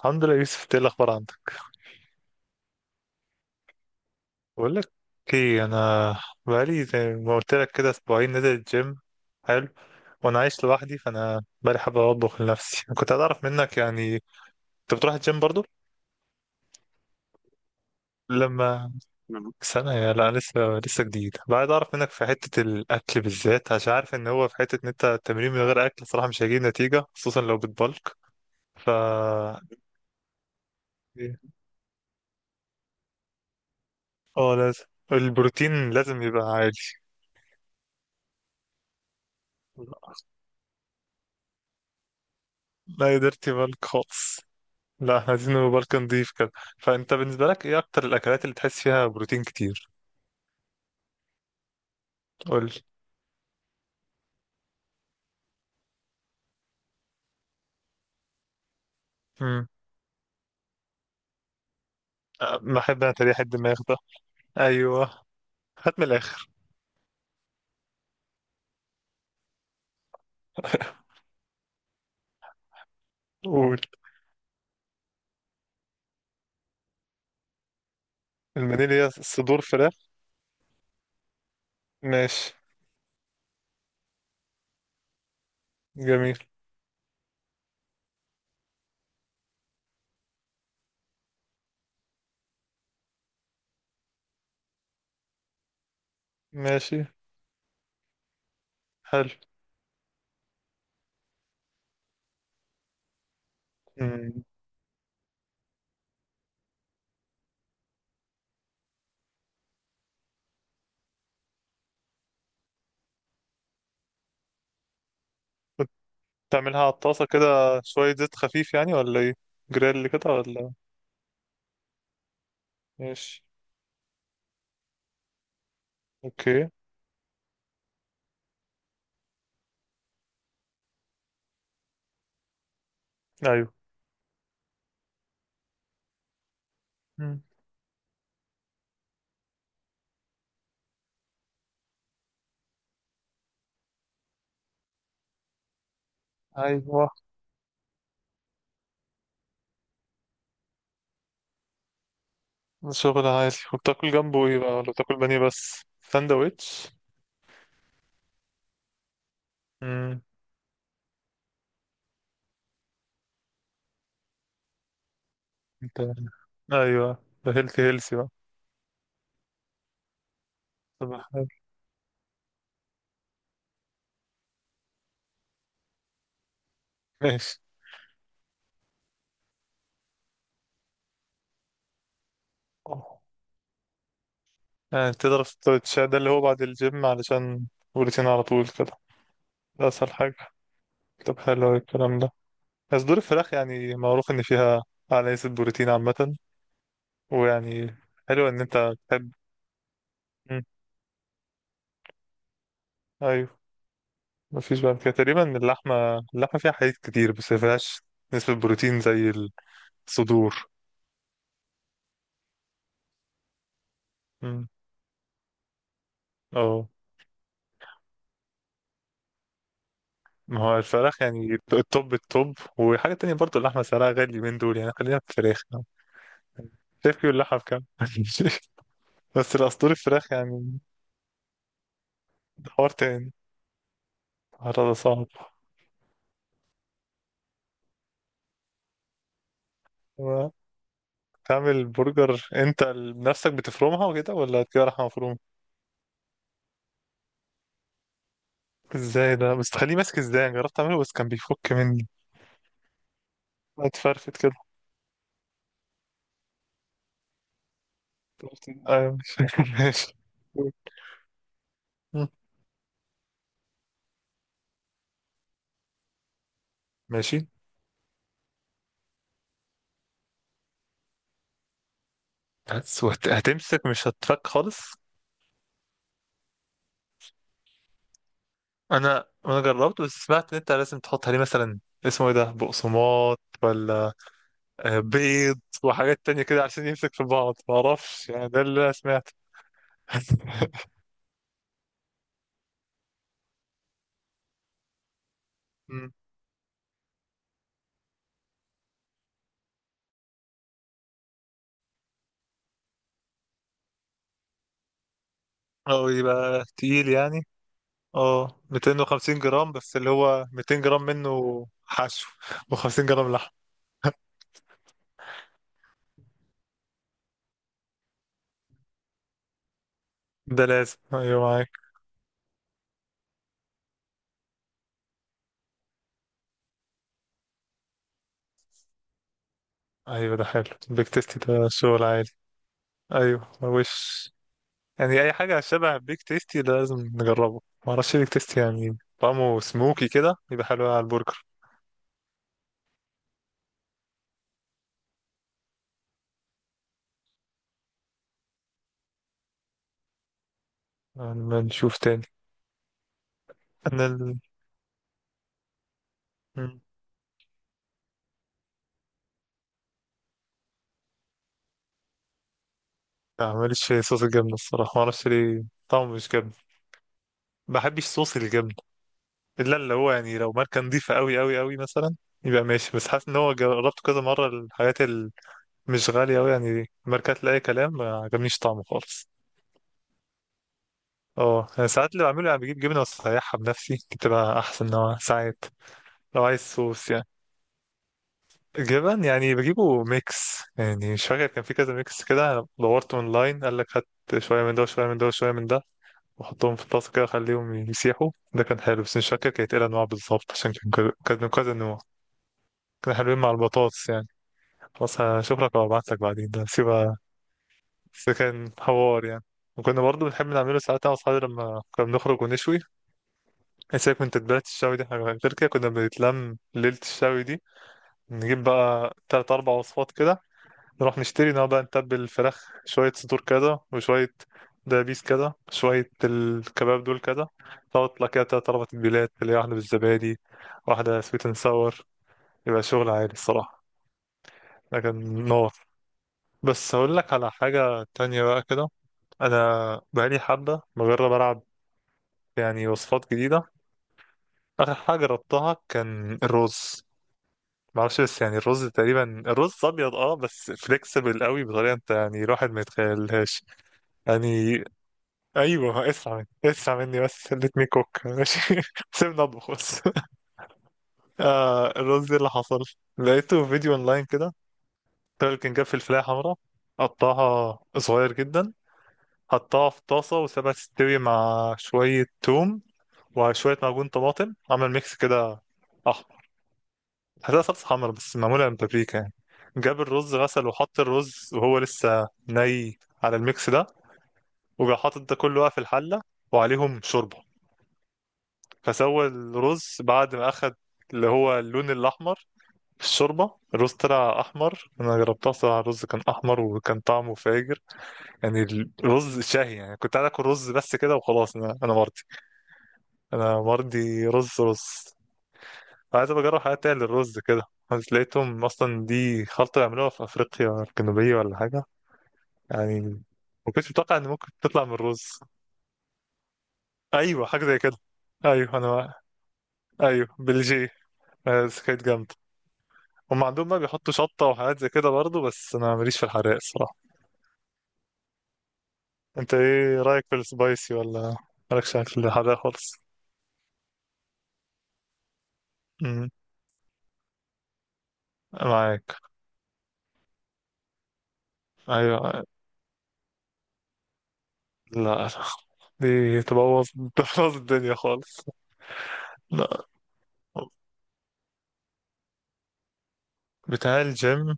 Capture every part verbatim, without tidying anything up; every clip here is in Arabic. الحمد لله، يوسف. ايه الاخبار عندك؟ بقول لك ايه، انا بقالي زي ما قلت لك كده اسبوعين نزل الجيم. حلو. وانا عايش لوحدي، فانا بقالي حابة اطبخ لنفسي. كنت عايز اعرف منك يعني انت بتروح الجيم برضو؟ لما نعم. سنة؟ يا لا، لسه. لسه جديد بقى، عايز اعرف منك في حتة الاكل بالذات، عشان عارف ان هو في حتة ان انت التمرين من غير اكل صراحة مش هيجيب نتيجة، خصوصا لو بتبلك. ف إيه؟ اه لازم. البروتين لازم يبقى عالي. لا، قدرت يبلك خالص. لا، احنا عايزين نبقى بلك نضيف كده. فانت بالنسبه لك ايه اكتر الاكلات اللي تحس فيها بروتين كتير؟ قول لي. امم. أه، بحب انا تريح الدماغ ده. ايوه، هات من الاخر. قول. المنيل هي صدور فراخ. ماشي. جميل. ماشي. حلو. امم كنت تعملها على الطاسه كده، شويه زيت خفيف يعني ولا ايه؟ جريل كده ولا؟ ماشي. اوكي. ايوه. مم. ايوه. شغل عادي. وبتاكل جنبه ايه بقى، ولا بتاكل بانيه بس ساندوتش؟ امم انت. ايوه. ده هيلثي هيلثي بقى. طب حلو. ماشي. أوه. يعني تضرب السندوتشات ده اللي هو بعد الجيم علشان بروتين على طول كده. ده اسهل حاجة. طب حلو أوي الكلام ده. صدور الفراخ يعني معروف ان فيها اعلى نسبة بروتين عامة. ويعني حلو ان انت تحب. مم. ايوه. مفيش بعد كده تقريبا. اللحمة اللحمة فيها حديد كتير بس مفيهاش نسبة بروتين زي الصدور. مم. اه. ما هو الفراخ يعني التوب التوب. وحاجة تانية برضو، اللحمة سعرها غالي من دول، يعني خلينا في الفراخ. شايف واللحمة بكام. بس الأسطوري الفراخ يعني. ده حوار تاني. الحوار ده صعب. هو تعمل برجر انت بنفسك بتفرمها وكده، ولا تجيب لحمة مفرومة؟ ازاي ده بس تخليه ماسك ازاي؟ أنا جربت اعمله بس كان بيفك مني. اتفرفت كده. ايوه. ماشي. ماشي. مم. ماشي. بس وهت- هتمسك مش هتفك خالص. انا انا جربت بس سمعت ان انت لازم تحط عليه مثلا اسمه ايه ده، بقسماط ولا آه، بيض وحاجات تانية كده عشان يمسك في بعض، ما اعرفش يعني، ده اللي انا سمعته. مم. او يبقى تقيل يعني. اه مئتين وخمسين جرام، بس اللي هو مئتين جرام منه حشو، و50 جرام لحم. ده لازم، ايوه معاك. ايوه ده حلو. بيك تيستي ده شغل عالي. ايوه وش. يعني اي حاجه شبه بيك تيستي ده لازم نجربه. ما اعرفش بيك تيستي، يعني طعمه سموكي كده يبقى حلو على البرجر. يعني ما نشوف تاني. انا ال... لا، ماليش في صوص الجبنة الصراحة، ما اعرفش ليه. طعمه مش جبنة. ما بحبش صوص الجبنة. الا اللي هو يعني لو ماركة نظيفة قوي قوي قوي مثلا يبقى ماشي. بس حاسس ان هو جربته كذا مرة، الحاجات اللي مش غالية قوي يعني، ماركات لأي كلام، ما عجبنيش طعمه خالص. اه انا ساعات اللي بعمله يعني بجيب جبنة وأسيحها بنفسي، بتبقى احسن نوع ساعات. لو عايز صوص يعني جبن يعني، بجيبه ميكس يعني. مش فاكر كان في كذا ميكس كده، أنا دورت اونلاين قال لك هات شوية من ده وشوية من ده وشوية من ده، واحطهم في الطاسة كده اخليهم يسيحوا. ده كان حلو، بس مش فاكر كانت ايه الانواع بالظبط، عشان كان كذا- كان من كذا نوع. كانوا حلوين مع البطاطس يعني. خلاص هشوف لك وابعت لك بعدين، ده سيبها. بس كان حوار يعني. وكنا برضه بنحب نعمله ساعات انا واصحابي لما كنا بنخرج ونشوي. إيه سيبك من تتبيلات الشوي دي، حاجة غير كده. كنا بنتلم ليلة الشوي دي، نجيب بقى تلات أربع وصفات كده، نروح نشتري، نقعد بقى نتبل الفراخ، شوية صدور كده وشوية دبابيس كده، شوية الكباب دول كده. تطلع كده تلات أربع تتبيلات، اللي هي واحدة بالزبادي، واحدة سويت اند ساور. يبقى شغل عالي الصراحة. لكن نار. بس هقول لك على حاجة تانية بقى كده. أنا بقالي حبة بجرب ألعب يعني وصفات جديدة. آخر حاجة جربتها كان الرز. معرفش بس يعني الرز تقريبا، الرز أبيض اه بس فليكسبل قوي بطريقة انت يعني الواحد ما يتخيلهاش. يعني ايوه، اسمع اسمع مني بس، let me cook ماشي. سيبنا اطبخ بس. آه الرز إيه اللي حصل، لقيته في فيديو اونلاين كده. الراجل كان جاب فلفلايه حمراء، قطعها صغير جدا، حطها في طاسه وسابها تستوي مع شويه توم وشويه معجون طماطم، عمل ميكس كده احمر. هتلاقي صلصه حمرا بس معموله من بابريكا يعني. جاب الرز غسل وحط الرز وهو لسه ني على الميكس ده. وجا حاطط ده كله بقى في الحله، وعليهم شوربه. فسوى الرز بعد ما اخد اللي هو اللون الاحمر في الشوربه. الرز طلع احمر. انا جربتها صراحه، الرز كان احمر وكان طعمه فاجر يعني. الرز شهي يعني. كنت عايز اكل رز بس كده وخلاص. انا انا مرضي. انا مرضي رز رز. عايز أبقى اجرب حاجات تانية للرز كده. بس لقيتهم اصلا دي خلطه بيعملوها في افريقيا الجنوبيه ولا حاجه. يعني ما كنتش متوقع ان ممكن تطلع من الرز. ايوه حاجه زي كده. ايوه انا. ايوه بلجيه. آه، بس كانت جامده. هم عندهم بقى بيحطوا شطة وحاجات زي كده برضه، بس أنا ماليش في الحراق الصراحة. أنت إيه رأيك في السبايسي، ولا مالكش في الحراق خالص؟ امم. معاك. أيوه. لا لا. دي تبوظ. تبوظ الدنيا خالص. لا. بتاع الجيم.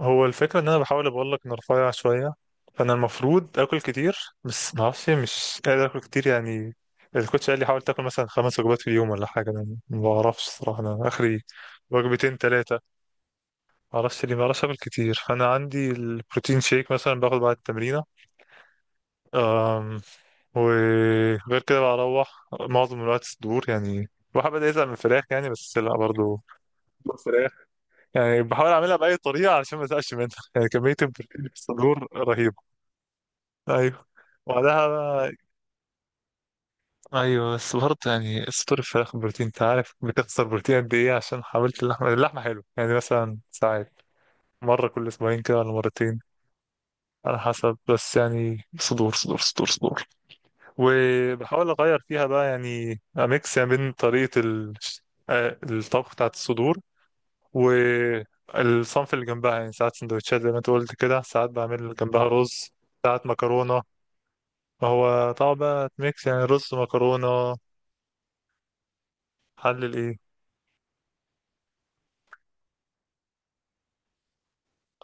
هو الفكرة إن أنا بحاول أقول لك إن رفيع شوية، فأنا المفروض آكل كتير. بس معرفش، مش قادر آكل كتير يعني. الكوتش قال لي حاول تاكل مثلا خمس وجبات في اليوم ولا حاجة، أنا ما بعرفش الصراحة. أنا آخري وجبتين تلاتة. معرفش ليه، بعرفش اعمل كتير. فانا عندي البروتين شيك مثلا باخد بعد التمرينه. أم، وغير كده بروح معظم الوقت صدور. يعني الواحد بدأ يزهق من الفراخ يعني، بس لا برضه فراخ. يعني بحاول اعملها بأي طريقة علشان ما ازهقش منها. يعني كمية البروتين في الصدور رهيبة. ايوه وبعدها بقى- ايوه، بس برضه يعني صدور الفراخ بروتين انت عارف بتخسر بروتين قد ايه، عشان حاولت. اللحمة اللحمة حلوة يعني مثلا ساعات مرة كل اسبوعين كده ولا مرتين، على حسب. بس يعني صدور صدور صدور صدور. وبحاول اغير فيها بقى يعني اميكس يعني، بين طريقه ال... آه، الطبخ بتاعت الصدور والصنف اللي جنبها. يعني ساعات سندوتشات زي ما انت قلت كده، ساعات بعمل جنبها رز، ساعات مكرونه. هو طبعا بقى ميكس يعني رز مكرونه. حلل ايه؟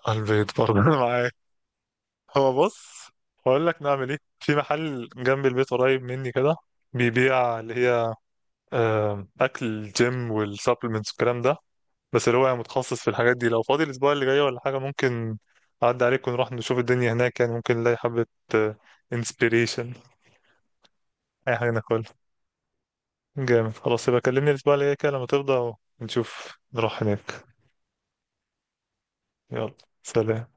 البيض برضه معايا. هو بص، هقول لك نعمل ايه. في محل جنب البيت قريب مني كده، بيبيع اللي هي آه، اكل الجيم والسبلمنتس والكلام ده، بس اللي هو يعني متخصص في الحاجات دي. لو فاضي الاسبوع اللي جاي ولا حاجه، ممكن اعدي عليك ونروح نشوف الدنيا هناك، يعني ممكن نلاقي حبه انسبيريشن، اي حاجه ناكلها. جامد. خلاص يبقى كلمني الاسبوع اللي جاي كده لما تفضى، ونشوف نروح هناك. يلا، سلام.